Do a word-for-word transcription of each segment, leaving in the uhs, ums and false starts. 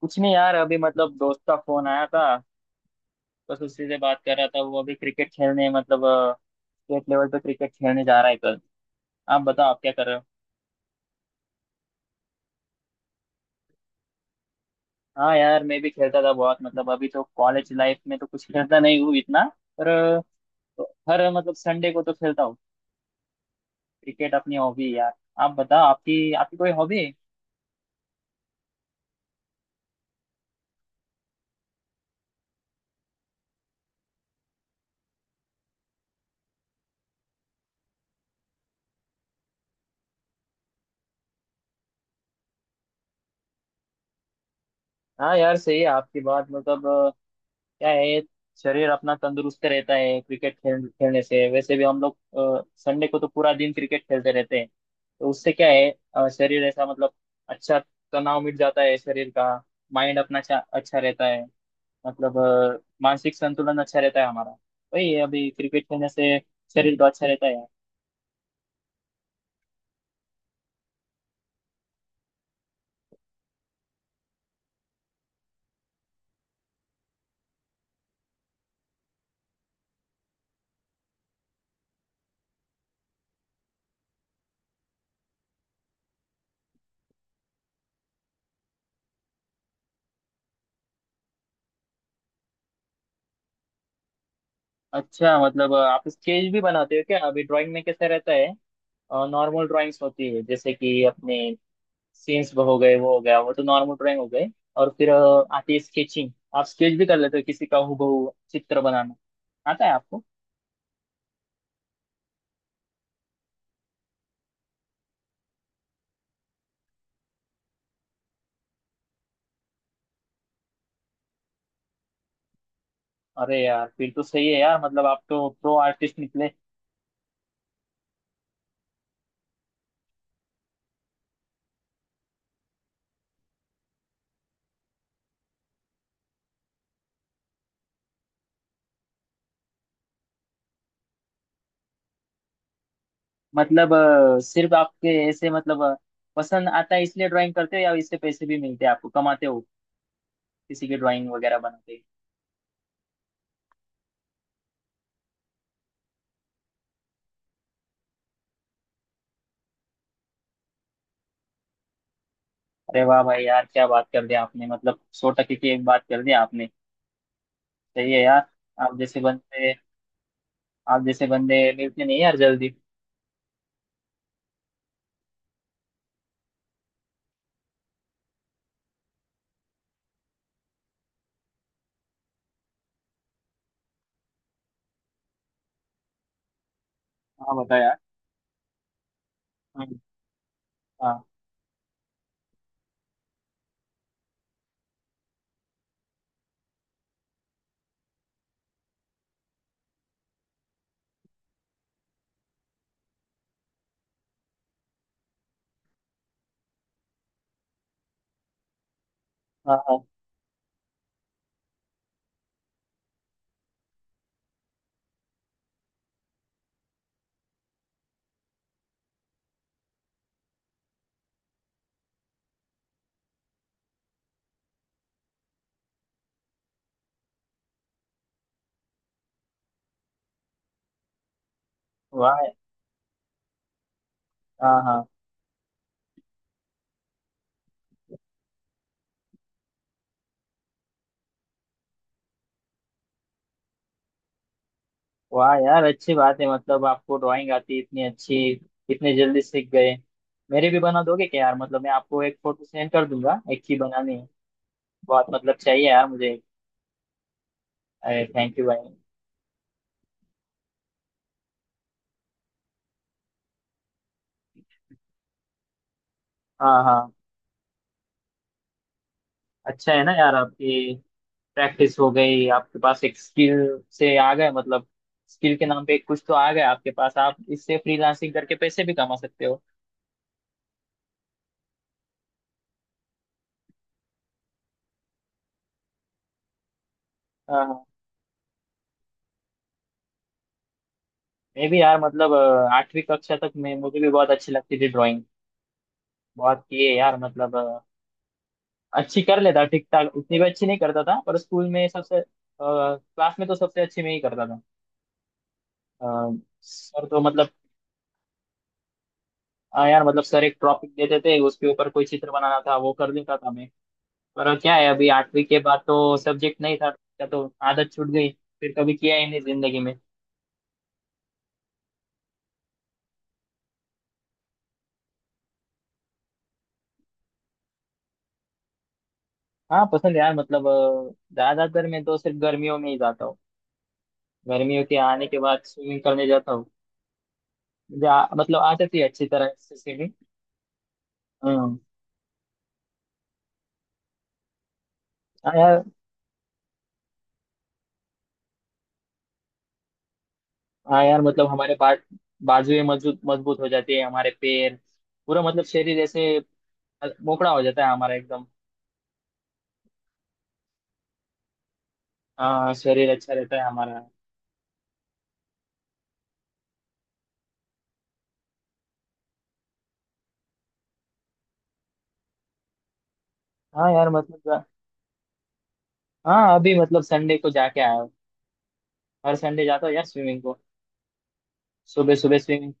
कुछ नहीं यार अभी मतलब दोस्त का फोन आया था। बस उसी से बात कर रहा था। वो अभी क्रिकेट खेलने मतलब स्टेट लेवल पे क्रिकेट खेलने जा रहा है कल। आप बताओ आप क्या कर रहे हो। हाँ यार मैं भी खेलता था बहुत मतलब अभी तो कॉलेज लाइफ में तो कुछ खेलता नहीं हूँ इतना। पर अ, तो हर मतलब संडे को तो खेलता हूँ। क्रिकेट अपनी हॉबी है यार। आप बताओ आपकी आपकी कोई हॉबी है। हाँ यार सही है आपकी बात मतलब क्या है। शरीर अपना तंदुरुस्त रहता है क्रिकेट खेल खेलने से। वैसे भी हम लोग संडे को तो पूरा दिन क्रिकेट खेलते रहते हैं। तो उससे क्या है अ, शरीर ऐसा मतलब अच्छा तनाव मिट जाता है शरीर का। माइंड अपना अच्छा अच्छा रहता है मतलब अ, मानसिक संतुलन अच्छा रहता है हमारा। वही है अभी क्रिकेट खेलने से शरीर तो अच्छा रहता है। अच्छा मतलब अ, आप स्केच भी बनाते हो क्या? अभी ड्राइंग में कैसा रहता है? नॉर्मल ड्राइंग्स होती है जैसे कि अपने सीन्स हो गए वो हो गया वो तो नॉर्मल ड्राइंग हो गए। और फिर अ, आती है स्केचिंग। आप स्केच भी कर लेते हो? किसी का हूबहू चित्र बनाना आता है आपको? अरे यार फिर तो सही है यार मतलब आप तो प्रो आर्टिस्ट निकले। मतलब अ, सिर्फ आपके ऐसे मतलब अ, पसंद आता है इसलिए ड्राइंग करते हो या इससे पैसे भी मिलते हैं आपको? कमाते हो? किसी की ड्राइंग वगैरह बनाते हैं? अरे वाह भाई यार क्या बात कर दी आपने मतलब सौ टके की एक बात कर दी आपने। सही है यार। आप जैसे बंदे, आप जैसे बंदे मिलते नहीं यार जल्दी। हाँ बताया। हाँ हाँ। हाँ हाँ। वाह। हाँ हाँ। वाह यार अच्छी बात है मतलब आपको ड्राइंग आती है इतनी अच्छी। इतने जल्दी सीख गए। मेरे भी बना दोगे क्या यार? मतलब मैं आपको एक फोटो सेंड कर दूंगा, एक ही बनानी है। बहुत मतलब चाहिए यार मुझे। अरे थैंक यू भाई। हाँ हाँ। अच्छा है ना यार, आपकी प्रैक्टिस हो गई, आपके पास एक स्किल से आ गए मतलब। स्किल के नाम पे कुछ तो आ गया आपके पास। आप इससे फ्रीलांसिंग करके पैसे भी कमा सकते हो। हाँ हाँ। मैं भी यार मतलब अ, आठवीं कक्षा तक मैं, मुझे भी बहुत अच्छी लगती थी ड्राइंग। बहुत किए यार मतलब अ, अच्छी कर लेता ठीक ठाक, उतनी भी अच्छी नहीं करता था। पर स्कूल में सबसे, क्लास में तो सबसे अच्छी में ही करता था। अ, सर तो मतलब अ, यार मतलब सर एक टॉपिक देते थे उसके ऊपर कोई चित्र बनाना था वो कर लेता था मैं। पर क्या है अभी आठवीं के बाद तो सब्जेक्ट नहीं था क्या तो आदत छूट गई। फिर कभी किया ही नहीं जिंदगी में। हाँ पसंद यार मतलब अ, ज्यादातर मैं तो सिर्फ गर्मियों में ही जाता हूँ। गर्मियों के आने के बाद स्विमिंग करने जाता हूँ। मुझे आ- मतलब आ जाती है अच्छी तरह से स्विमिंग। हाँ हाँ यार। हाँ यार मतलब हमारे बा, बाजुएं मजबूत मजबूत हो जाती है, हमारे पैर पूरा मतलब शरीर ऐसे मोकड़ा हो जाता है हमारा एकदम। हाँ शरीर अच्छा रहता है हमारा। हाँ यार मतलब, हाँ अभी मतलब संडे को जाके आया हूँ। हर संडे जाता हूँ यार स्विमिंग को। सुबह सुबह स्विमिंग।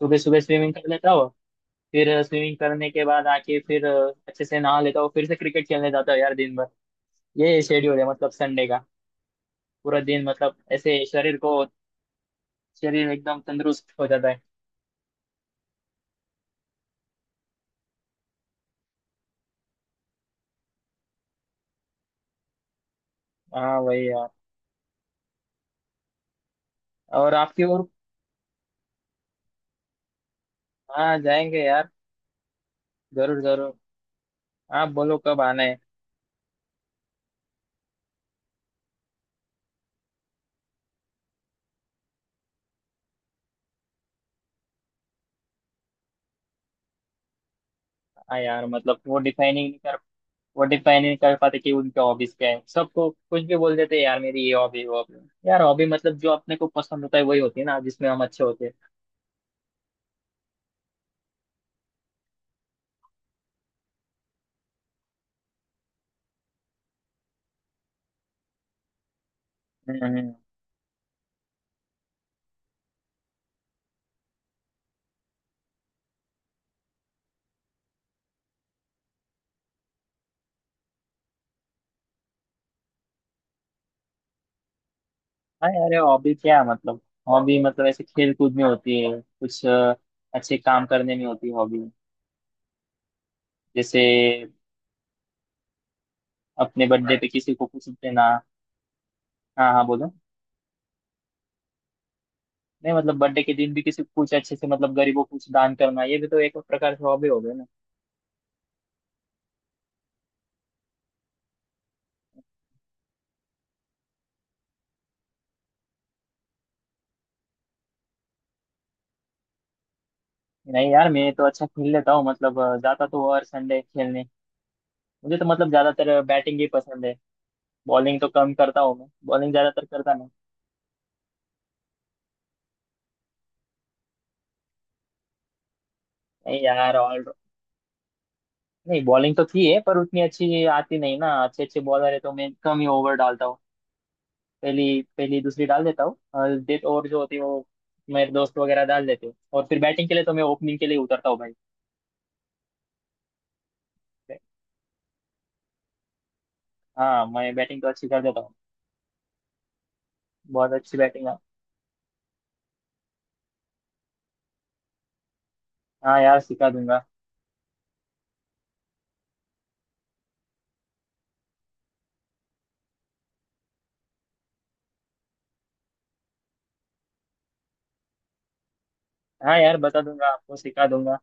सुबह सुबह स्विमिंग कर लेता हूँ। फिर स्विमिंग करने के बाद आके फिर अ, अच्छे से नहा लेता हूँ। फिर से क्रिकेट खेलने जाता हूँ यार दिन भर। ये शेड्यूल है मतलब संडे का। पूरा दिन मतलब ऐसे शरीर को, शरीर एकदम तंदुरुस्त हो जाता है। हाँ वही यार। और आपकी और। हाँ जाएंगे यार। जरूर जरूर। आप बोलो कब आना है। हाँ यार मतलब वो डिफाइन ही नहीं कर वो डिफाइन ही नहीं कर पाते कि उनके हॉबीज क्या है। सबको कुछ भी बोल देते हैं यार, मेरी ये हॉबी वो हॉबी। यार हॉबी मतलब जो अपने को पसंद होता है वही होती है ना, जिसमें हम अच्छे होते हैं। हम्म हम्म। हाँ यार ये हॉबी क्या है मतलब। हॉबी मतलब ऐसे खेल कूद में होती है, कुछ अ, अच्छे काम करने में होती है हॉबी। जैसे अपने बर्थडे पे किसी को कुछ देना। हाँ हाँ बोलो। नहीं मतलब बर्थडे के दिन भी किसी को कुछ अच्छे से मतलब गरीबों को कुछ दान करना, ये भी तो एक प्रकार से हॉबी हो गई ना। नहीं यार मैं तो अच्छा खेल लेता हूँ मतलब अ, जाता तो हर संडे खेलने। मुझे तो मतलब ज्यादातर बैटिंग ही पसंद है। बॉलिंग तो कम करता हूँ, मैं बॉलिंग ज्यादातर करता नहीं। नहीं यार ऑल नहीं बॉलिंग तो थी है पर उतनी अच्छी आती नहीं ना। अच्छे अच्छे बॉलर है तो मैं कम ही ओवर डालता हूँ। पहली, पहली दूसरी डाल देता हूँ और डेथ ओवर जो होती है वो मेरे दोस्त वगैरह डाल देते हैं। और फिर बैटिंग के लिए तो मैं ओपनिंग के लिए उतरता हूँ भाई। हाँ मैं बैटिंग तो अच्छी कर देता हूँ। बहुत अच्छी बैटिंग है। हाँ यार सिखा दूंगा। हाँ यार बता दूंगा, आपको सिखा दूंगा।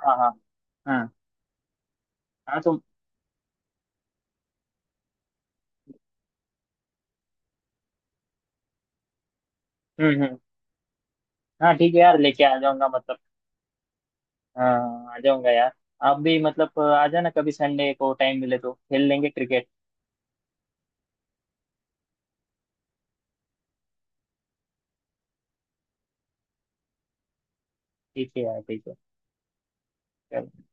हाँ। हाँ। हाँ। हाँ तो। हम्म हम्म। हाँ ठीक है यार, लेके आ जाऊंगा मतलब। हाँ आ जाऊंगा यार। आप भी मतलब आ जाना कभी संडे को, टाइम मिले तो खेल लेंगे क्रिकेट। ठीक है यार ठीक है। चलो।